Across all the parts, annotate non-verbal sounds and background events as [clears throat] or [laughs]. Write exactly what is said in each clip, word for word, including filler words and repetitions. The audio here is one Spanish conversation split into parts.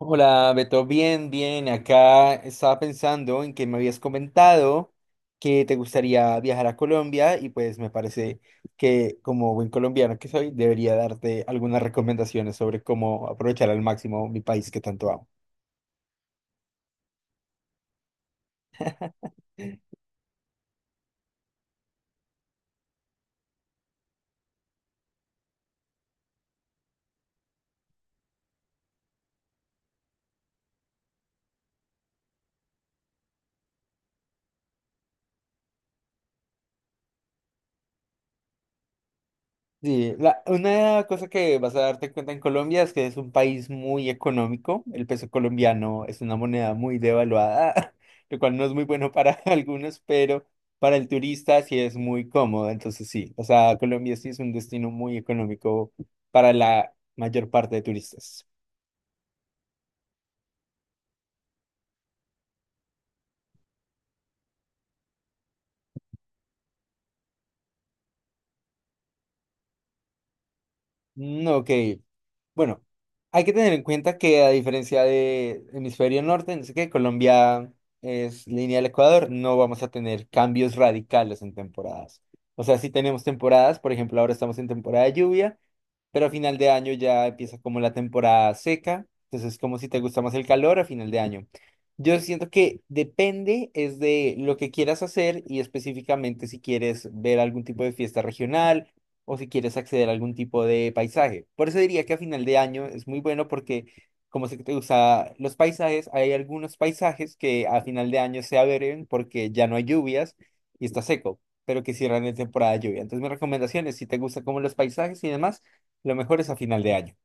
Hola, Beto, bien, bien. Acá estaba pensando en que me habías comentado que te gustaría viajar a Colombia y pues me parece que como buen colombiano que soy, debería darte algunas recomendaciones sobre cómo aprovechar al máximo mi país que tanto amo. Sí, la- una cosa que vas a darte cuenta en Colombia es que es un país muy económico. El peso colombiano es una moneda muy devaluada, [laughs] lo cual no es muy bueno para [laughs] algunos, pero para el turista sí es muy cómodo. Entonces sí, o sea, Colombia sí es un destino muy económico para la mayor parte de turistas. Mm, ok. Bueno, hay que tener en cuenta que a diferencia de hemisferio norte, no sé qué, Colombia es línea del Ecuador, no vamos a tener cambios radicales en temporadas. O sea, si tenemos temporadas, por ejemplo, ahora estamos en temporada de lluvia. Pero a final de año ya empieza como la temporada seca, entonces es como si te gusta más el calor a final de año. Yo siento que depende es de lo que quieras hacer y específicamente si quieres ver algún tipo de fiesta regional o si quieres acceder a algún tipo de paisaje. Por eso diría que a final de año es muy bueno porque como sé que te gusta los paisajes, hay algunos paisajes que a final de año se abren porque ya no hay lluvias y está seco, pero que cierran en temporada de lluvia. Entonces mi recomendación es si te gusta como los paisajes y demás lo mejor es a final de año.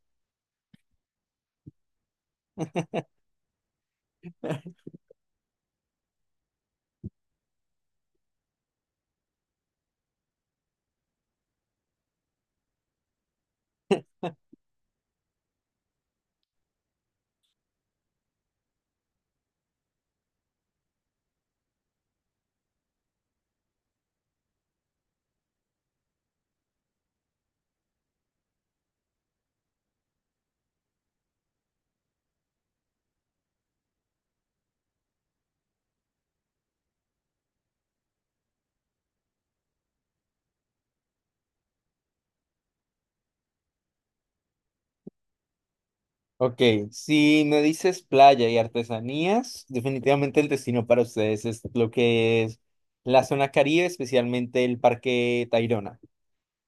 Ok, si me dices playa y artesanías, definitivamente el destino para ustedes es lo que es la zona Caribe, especialmente el Parque Tayrona.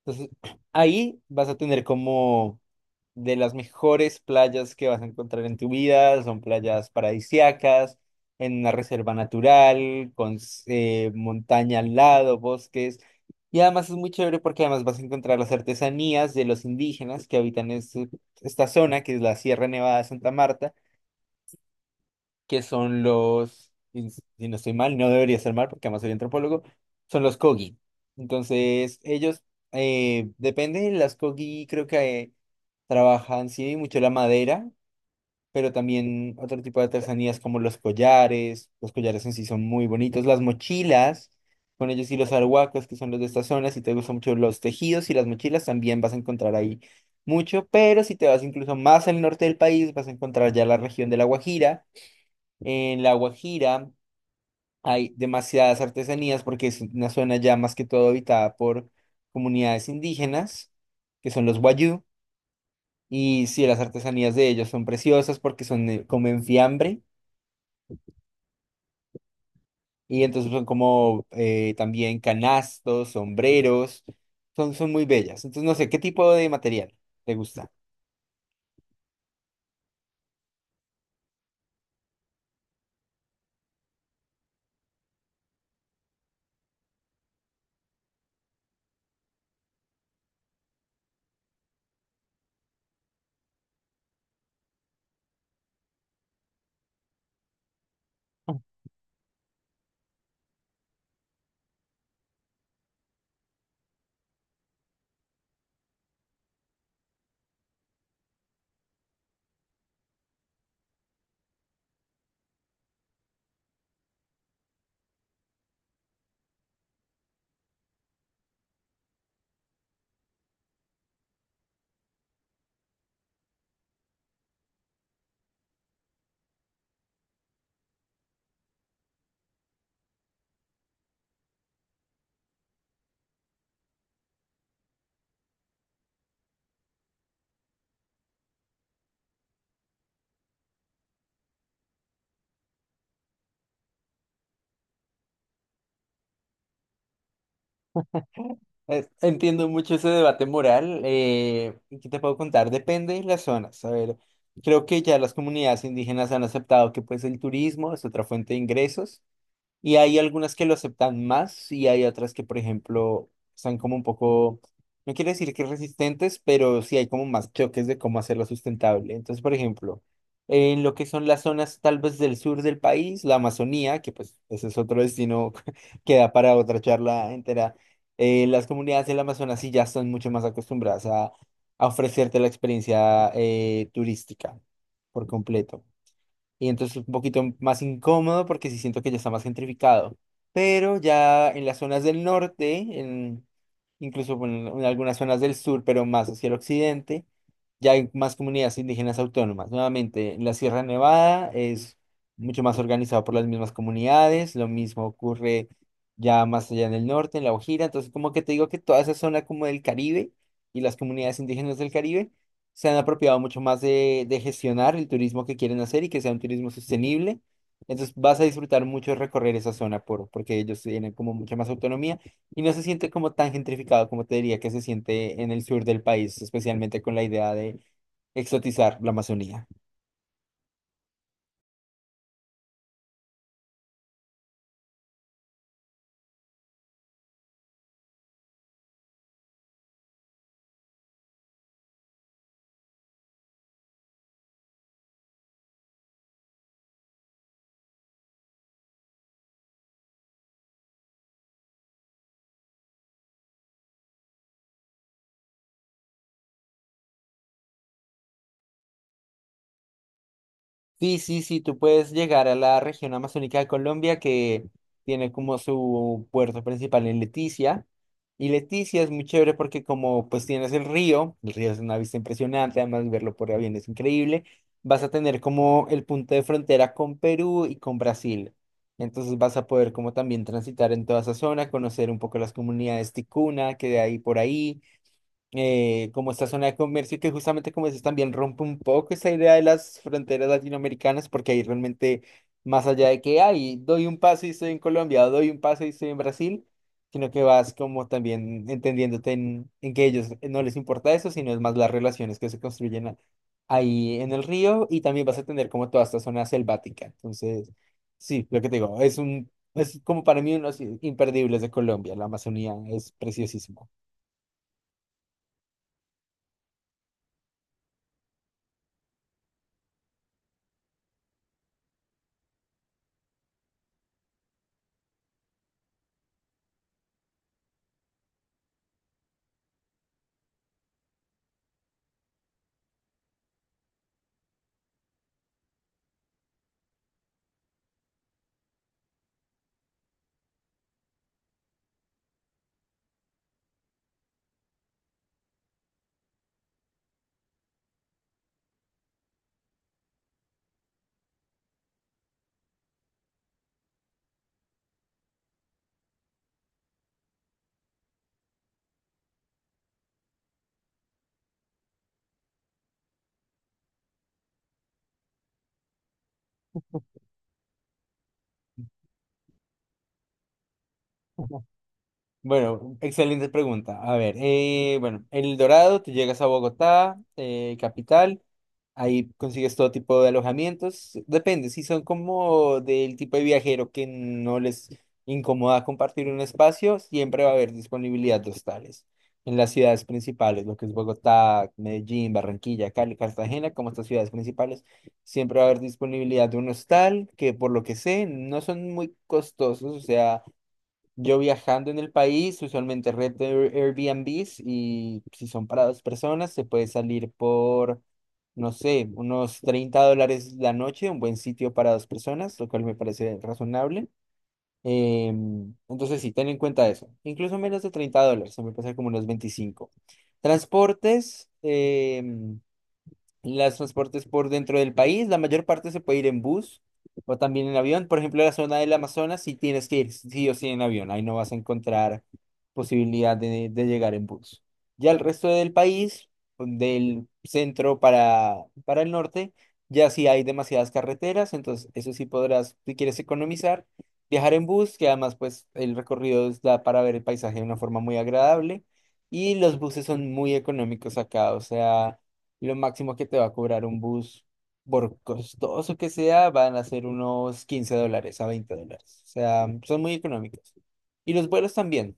Entonces, [clears throat] ahí vas a tener como de las mejores playas que vas a encontrar en tu vida, son playas paradisíacas, en una reserva natural, con eh, montaña al lado, bosques, y además es muy chévere porque además vas a encontrar las artesanías de los indígenas que habitan este- esta zona, que es la Sierra Nevada de Santa Marta, que son los, si si no estoy mal, no debería ser mal porque además soy antropólogo, son los Kogi. Entonces, ellos, eh, depende, las Kogi creo que eh, trabajan, sí, mucho la madera, pero también otro tipo de artesanías como los collares, los collares en sí son muy bonitos, las mochilas, con ellos y los arhuacos, que son los de estas zonas, si te gustan mucho los tejidos y las mochilas, también vas a encontrar ahí mucho, pero si te vas incluso más al norte del país, vas a encontrar ya la región de La Guajira, en La Guajira hay demasiadas artesanías porque es una zona ya más que todo habitada por comunidades indígenas, que son los Wayuu. Y sí, las artesanías de ellos son preciosas porque son, eh, comen fiambre. Y entonces son como eh, también canastos, sombreros, son, son muy bellas. Entonces no sé, ¿qué tipo de material te gusta? Eh, Entiendo mucho ese debate moral. Eh, ¿qué te puedo contar? Depende de las zonas. A ver, creo que ya las comunidades indígenas han aceptado que pues el turismo es otra fuente de ingresos. Y hay algunas que lo aceptan más y hay otras que, por ejemplo, están como un poco, no quiero decir que resistentes, pero sí hay como más choques de cómo hacerlo sustentable. Entonces, por ejemplo, en lo que son las zonas tal vez del sur del país, la Amazonía, que pues ese es otro destino [laughs] que da para otra charla entera, eh, las comunidades del Amazonas sí ya están mucho más acostumbradas a, a ofrecerte la experiencia eh, turística por completo y entonces un poquito más incómodo porque sí siento que ya está más gentrificado. Pero ya en las zonas del norte, en, incluso bueno, en algunas zonas del sur, pero más hacia el occidente, ya hay más comunidades indígenas autónomas. Nuevamente, en la Sierra Nevada es mucho más organizado por las mismas comunidades, lo mismo ocurre ya más allá en el norte, en La Guajira, entonces como que te digo que toda esa zona como del Caribe y las comunidades indígenas del Caribe se han apropiado mucho más de, de gestionar el turismo que quieren hacer y que sea un turismo sostenible. Entonces vas a disfrutar mucho recorrer esa zona por, porque ellos tienen como mucha más autonomía y no se siente como tan gentrificado como te diría que se siente en el sur del país, especialmente con la idea de exotizar la Amazonía. Sí, sí, sí, tú puedes llegar a la región amazónica de Colombia que tiene como su puerto principal en Leticia. Y Leticia es muy chévere porque como pues tienes el río, el río es una vista impresionante, además verlo por avión es increíble, vas a tener como el punto de frontera con Perú y con Brasil. Entonces vas a poder como también transitar en toda esa zona, conocer un poco las comunidades ticuna que hay por ahí eh, como esta zona de comercio que justamente como dices también rompe un poco esa idea de las fronteras latinoamericanas porque ahí realmente más allá de que ay, doy un paso y estoy en Colombia o doy un paso y estoy en Brasil, sino que vas como también entendiéndote en, en que ellos no les importa eso, sino es más las relaciones que se construyen a- ahí en el río y también vas a tener como toda esta zona selvática. Entonces, sí, lo que te digo, es un... Es como para mí unos imperdibles de Colombia, la Amazonía es preciosísimo. [laughs] Bueno, excelente pregunta. A ver, eh, bueno, en El Dorado te llegas a Bogotá, eh, capital, ahí consigues todo tipo de alojamientos. Depende, si son como del tipo de viajero que no les incomoda compartir un espacio, siempre va a haber disponibilidad de hostales. En las ciudades principales, lo que es Bogotá, Medellín, Barranquilla, Cali, Cartagena, como estas ciudades principales, siempre va a haber disponibilidad de un hostal que por lo que sé no son muy costosos, o sea... Yo viajando en el país, usualmente rento Air- Airbnbs y si son para dos personas, se puede salir por, no sé, unos treinta dólares la noche, un buen sitio para dos personas, lo cual me parece razonable. Em, entonces sí, ten en cuenta eso. Incluso menos de treinta dólares, se me pasa como unos veinticinco. Transportes, em, los transportes por dentro del país, la mayor parte se puede ir en bus o también en avión. Por ejemplo, la zona del Amazonas, sí tienes que ir sí o sí en avión. Ahí no vas a encontrar posibilidad de, de llegar en bus. Ya el resto del país, del centro para, para el norte, ya sí hay demasiadas carreteras. Entonces, eso sí podrás, si quieres economizar, viajar en bus, que además, pues, el recorrido es- da para ver el paisaje de una forma muy agradable. Y los buses son muy económicos acá, o sea. Lo máximo que te va a cobrar un bus, por costoso que sea, van a ser unos quince dólares a veinte dólares. O sea, son muy económicos. Y los vuelos también,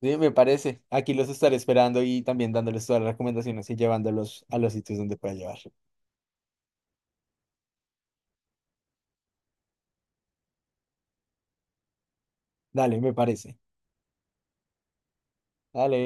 sí, me parece. Aquí los estaré esperando y también dándoles todas las recomendaciones y llevándolos a los sitios donde pueda llevar. Dale, me parece. Dale.